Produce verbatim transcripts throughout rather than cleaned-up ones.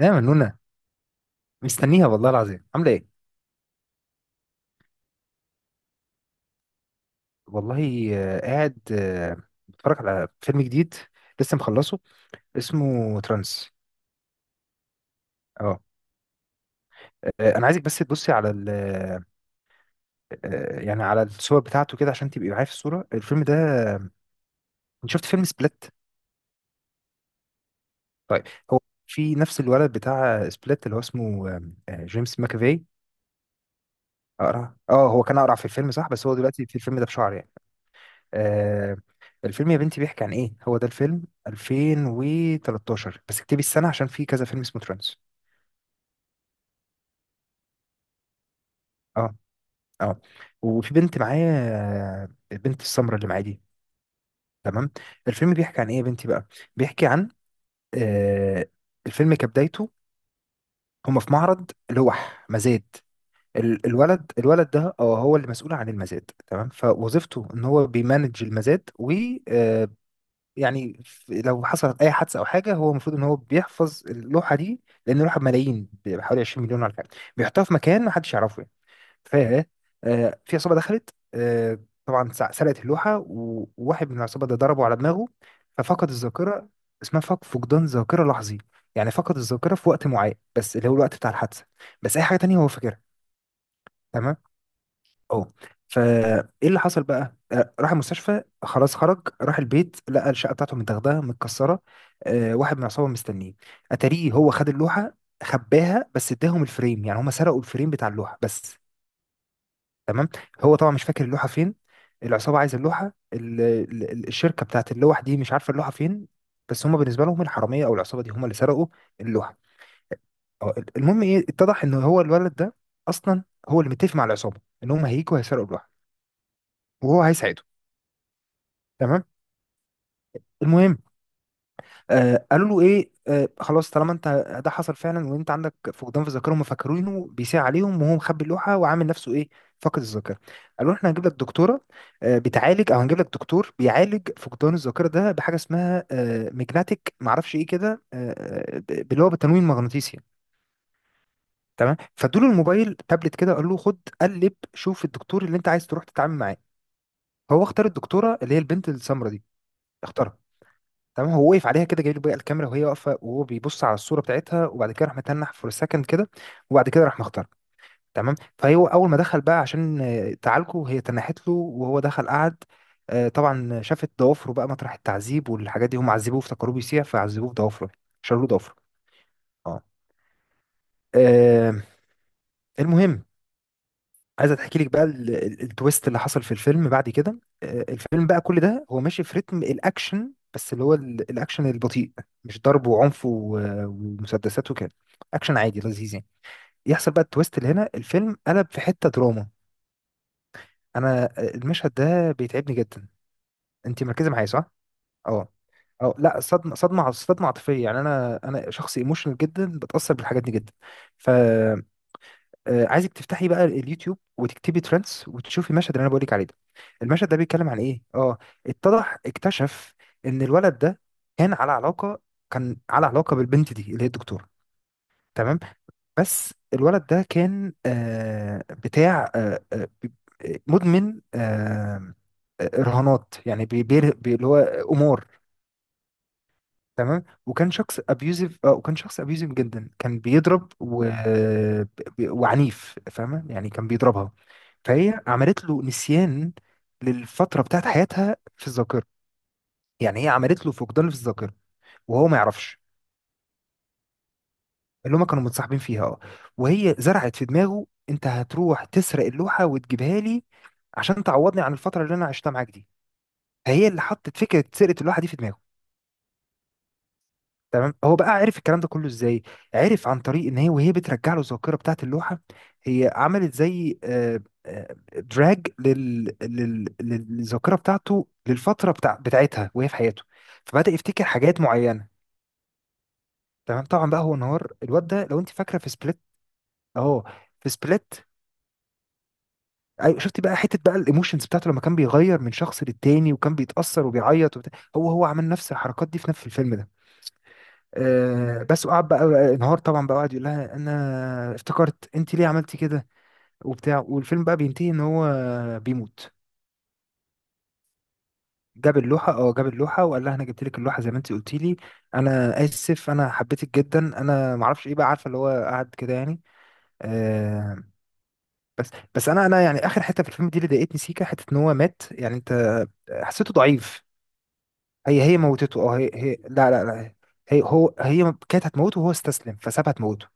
ايه يا منونة، مستنيها والله العظيم، عاملة ايه؟ والله، آه، قاعد آه، بتفرج على فيلم جديد، لسه مخلصه. اسمه ترانس. اه. آه، انا عايزك بس تبصي على ال آه، آه، يعني على الصور بتاعته كده، عشان تبقي معايا في الصورة الفيلم ده. انت شفت فيلم سبليت؟ طيب، هو في نفس الولد بتاع سبليت اللي هو اسمه آه، آه، جيمس ماكافي. اقرع؟ اه، هو كان اقرع في الفيلم صح، بس هو دلوقتي في الفيلم ده بشعر يعني. آه الفيلم يا بنتي بيحكي عن ايه؟ هو ده الفيلم ألفين وثلاثة عشر، بس اكتبي السنة عشان في كذا فيلم اسمه ترانس. اه، اه، وفي بنت معايا. آه، البنت السمراء اللي معايا دي. تمام. الفيلم بيحكي عن ايه يا بنتي بقى؟ بيحكي عن آه الفيلم كبدايته، هما في معرض لوح مزاد. ال- الولد الولد ده، اه، هو اللي مسؤول عن المزاد، تمام. فوظيفته ان هو بيمانج المزاد. يعني في- لو حصلت اي حادثه او حاجه، هو المفروض ان هو بيحفظ اللوحه دي. لان اللوحه بملايين، بحوالي عشرين مليون ولا حاجه، بيحطها في مكان ما حدش يعرفه يعني. ف آه، في عصابه دخلت، آه، طبعا سع- سرقت اللوحه، و- وواحد من العصابه ده ضربه على دماغه. ففقد الذاكره، اسمها فق- فقدان ذاكره لحظي. يعني فقد الذاكره في وقت معين، بس اللي هو الوقت بتاع الحادثه، بس اي حاجه تانية هو فاكرها. تمام. اه، فايه اللي حصل بقى؟ آه، راح المستشفى، خلاص خرج راح البيت، لقى الشقه بتاعته متاخده متكسره. آه، واحد من العصابه مستنيه، اتاريه هو خد اللوحه. خباها، بس اداهم الفريم، يعني هم سرقوا الفريم بتاع اللوحه بس. تمام. هو طبعا مش فاكر اللوحه فين. العصابه عايزه اللوحه، ال- ال- ال- الشركه بتاعت اللوح دي مش عارفه اللوحه فين. بس هم، بالنسبه لهم، الحراميه او العصابه دي هم اللي سرقوا اللوحه. اه، المهم ايه؟ اتضح ان هو الولد ده، اصلا هو اللي متفق مع العصابه ان هم هيجوا هيسرقوا اللوحه، وهو هيساعدهم. تمام. المهم، آه قالوا له ايه؟ آه خلاص طالما انت ده حصل فعلا وانت عندك فقدان في الذاكره، هم فاكرينه بيساء عليهم، وهو مخبي اللوحه وعامل نفسه ايه؟ فاقد الذاكره. قالوا له احنا هنجيب لك دكتوره آه بتعالج، او هنجيب لك دكتور بيعالج فقدان الذاكره ده بحاجه اسمها آه ميجناتيك، معرفش ايه كده آه آه، ب- اللي هو بالتنويم المغناطيسي يعني. تمام، فادوله الموبايل تابلت كده، قال له خد قلب شوف الدكتور اللي انت عايز تروح تتعامل معاه. هو اختار الدكتوره اللي هي البنت السمراء دي، اختارها. تمام. هو وقف عليها كده جايب له بقى الكاميرا وهي واقفه، وهو بيبص على الصوره بتاعتها، وبعد كده راح متنح فور سكند كده. وبعد كده راح مختار. تمام. فهو اول ما دخل بقى عشان آه، تعالجه، هي تنحت له وهو دخل قعد. آه، طبعا شافت ضوافره بقى مطرح التعذيب والحاجات دي، هم عذبوه افتكروه بيسيح فعذبوه بضوافره. شالوا له ضوافره. اه. آه، المهم، عايز احكي لك بقى ال- ال- التويست اللي حصل في الفيلم بعد كده. آه، الفيلم بقى كل ده هو ماشي في رتم الاكشن، بس اللي هو ال- الاكشن البطيء، مش ضرب وعنف و- ومسدسات وكده. اكشن عادي لذيذ يعني. يحصل بقى التويست، اللي هنا الفيلم قلب في حتة دراما. انا، آه، المشهد ده بيتعبني جدا. انت مركزة معايا صح؟ اه، اه، لا، صدمة، صدمة، صدمة عاطفية يعني. انا انا شخص ايموشنال جدا، بتأثر بالحاجات دي جدا. ف آه، عايزك تفتحي بقى اليوتيوب، وتكتبي ترندز، وتشوفي المشهد اللي انا بقولك عليه ده. المشهد ده بيتكلم عن ايه؟ اه. اتضح، اكتشف، ان الولد ده كان على علاقة كان على علاقة بالبنت دي اللي هي الدكتورة. تمام. بس الولد ده كان آه بتاع آه آه، ب- مدمن آه آه، رهانات، يعني بي- بير- بي- اللي هو قمار. تمام، وكان شخص ابيوزيف آه وكان شخص ابيوزيف جدا، كان بيضرب و... ب- وعنيف، فاهمه، يعني كان بيضربها. فهي عملت له نسيان للفتره بتاعت حياتها في الذاكره، يعني هي عملت له فقدان في الذاكره، وهو ما يعرفش. اللي هما كانوا متصاحبين فيها، اه. وهي زرعت في دماغه، انت هتروح تسرق اللوحه وتجيبها لي، عشان تعوضني عن الفتره اللي انا عشتها معاك دي. فهي اللي حطت فكره سرقه اللوحه دي في دماغه. تمام. هو بقى عرف الكلام ده كله ازاي؟ عرف عن طريق ان هي، وهي بترجع له الذاكره بتاعه اللوحه، هي عملت زي آه، آه، دراج لل... لل... للذاكره بتاعته، للفتره بتاع... بتاعتها وهي في حياته. فبدا يفتكر حاجات معينه. تمام، طبعا بقى هو انهار الواد ده، لو انت فاكره في سبليت، اهو في سبليت. ايوه، شفتي بقى حته بقى الايموشنز بتاعته لما كان بيغير من شخص للتاني، وكان بيتاثر وبيعيط وبتاع. هو هو عمل نفس الحركات دي في نفس الفيلم ده. آه، بس وقعد بقى، انهار طبعا بقى، وقعد يقول لها، انا افتكرت، انت ليه عملتي كده؟ وبتاع. والفيلم بقى بينتهي ان هو بيموت. جاب اللوحه اه جاب اللوحه، وقال لها، انا جبت لك اللوحه زي ما انت قلتي لي، انا اسف، انا حبيتك جدا، انا ما اعرفش ايه بقى، عارفه اللي هو قعد كده يعني. آه بس، بس، انا انا يعني اخر حته في الفيلم دي اللي ضايقتني سيكا حته ان هو مات يعني، انت حسيته ضعيف. هي هي موتته، اه. هي هي لا، لا، لا. هي هو هي كانت هتموته، وهو استسلم فسابها تموته.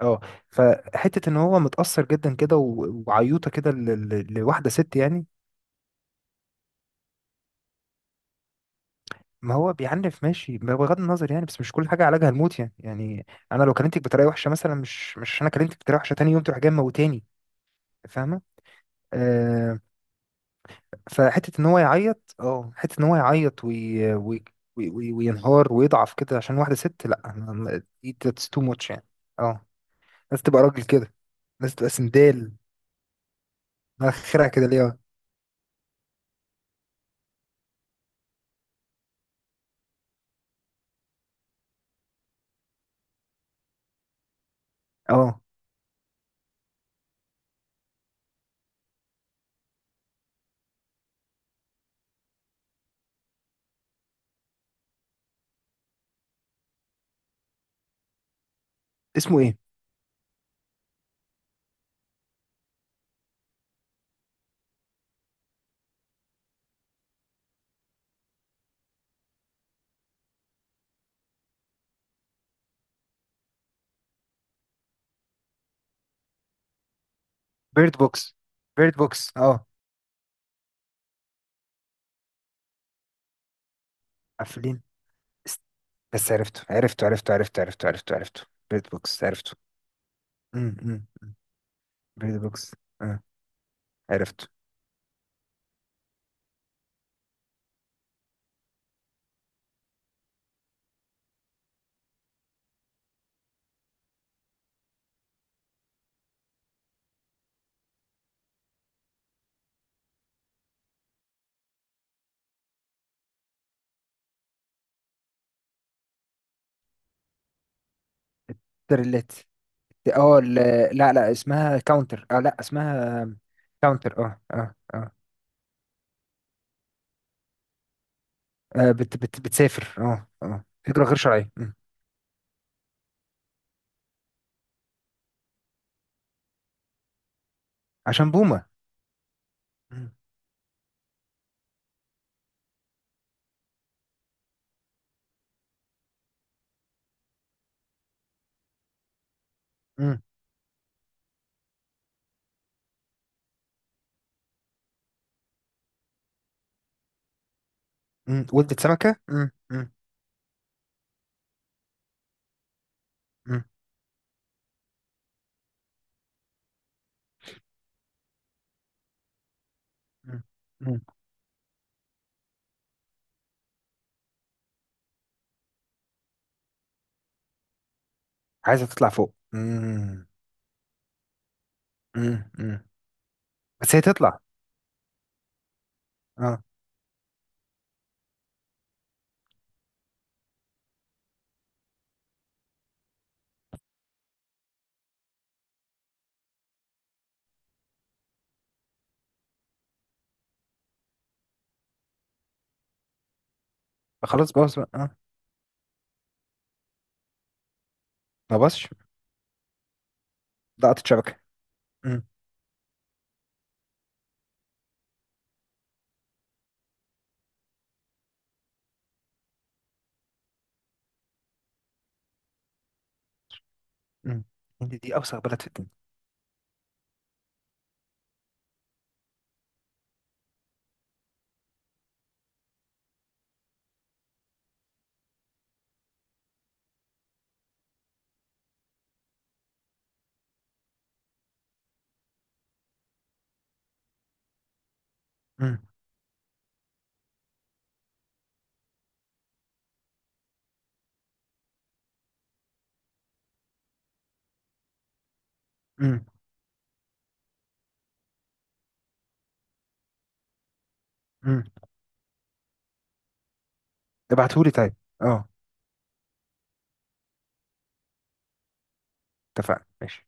اه، فحته ان هو متاثر جدا كده، و- وعيوطه كده ل- ل- لواحده ست يعني. ما هو بيعنف ماشي، ما بغض النظر يعني، بس مش كل حاجه علاجها الموت يعني يعني. انا لو كلمتك بطريقه وحشه مثلا، مش مش انا كلمتك بطريقه وحشه، تاني يوم تروح جاي موتاني؟ فاهمه؟ آه فحته ان هو يعيط، اه، حته ان هو يعيط وي، وي، وي وي- وينهار ويضعف كده عشان واحده ست، لا، ما- دي that's too much يعني. اه، لازم تبقى راجل كده، لازم تبقى سندال. اخرها كده ليه؟ اه، اسمه ايه؟ بيرد بوكس. بيرد بوكس، اه، قافلين. است- بس عرفته، عرفته، عرفته، عرفته، عرفته، عرفته، عرفته. بيرد بوكس عرفته. امم. بيرد بوكس، اه، عرفته. تريلات. اه. ال- لا، لا، اسمها كاونتر. اه، لا، اسمها كاونتر. اه، اه، اه. آه، بت بت بتسافر. اه، اه، هجرة غير شرعية. مم. عشان بومة. مم. مم. مم. ولدت سمكة. مم. مم. مم. مم. مم. عايزة تطلع فوق. مم. مم. مم. بس هي تطلع. اه، خلاص بوظ بقى آه. ما بصش. لقطة شبكة. مم. مم. إن دي أوسخ بلد في الدنيا. مم. مم. مم. ابعتهولي طيب. اه، اتفقنا. ماشي.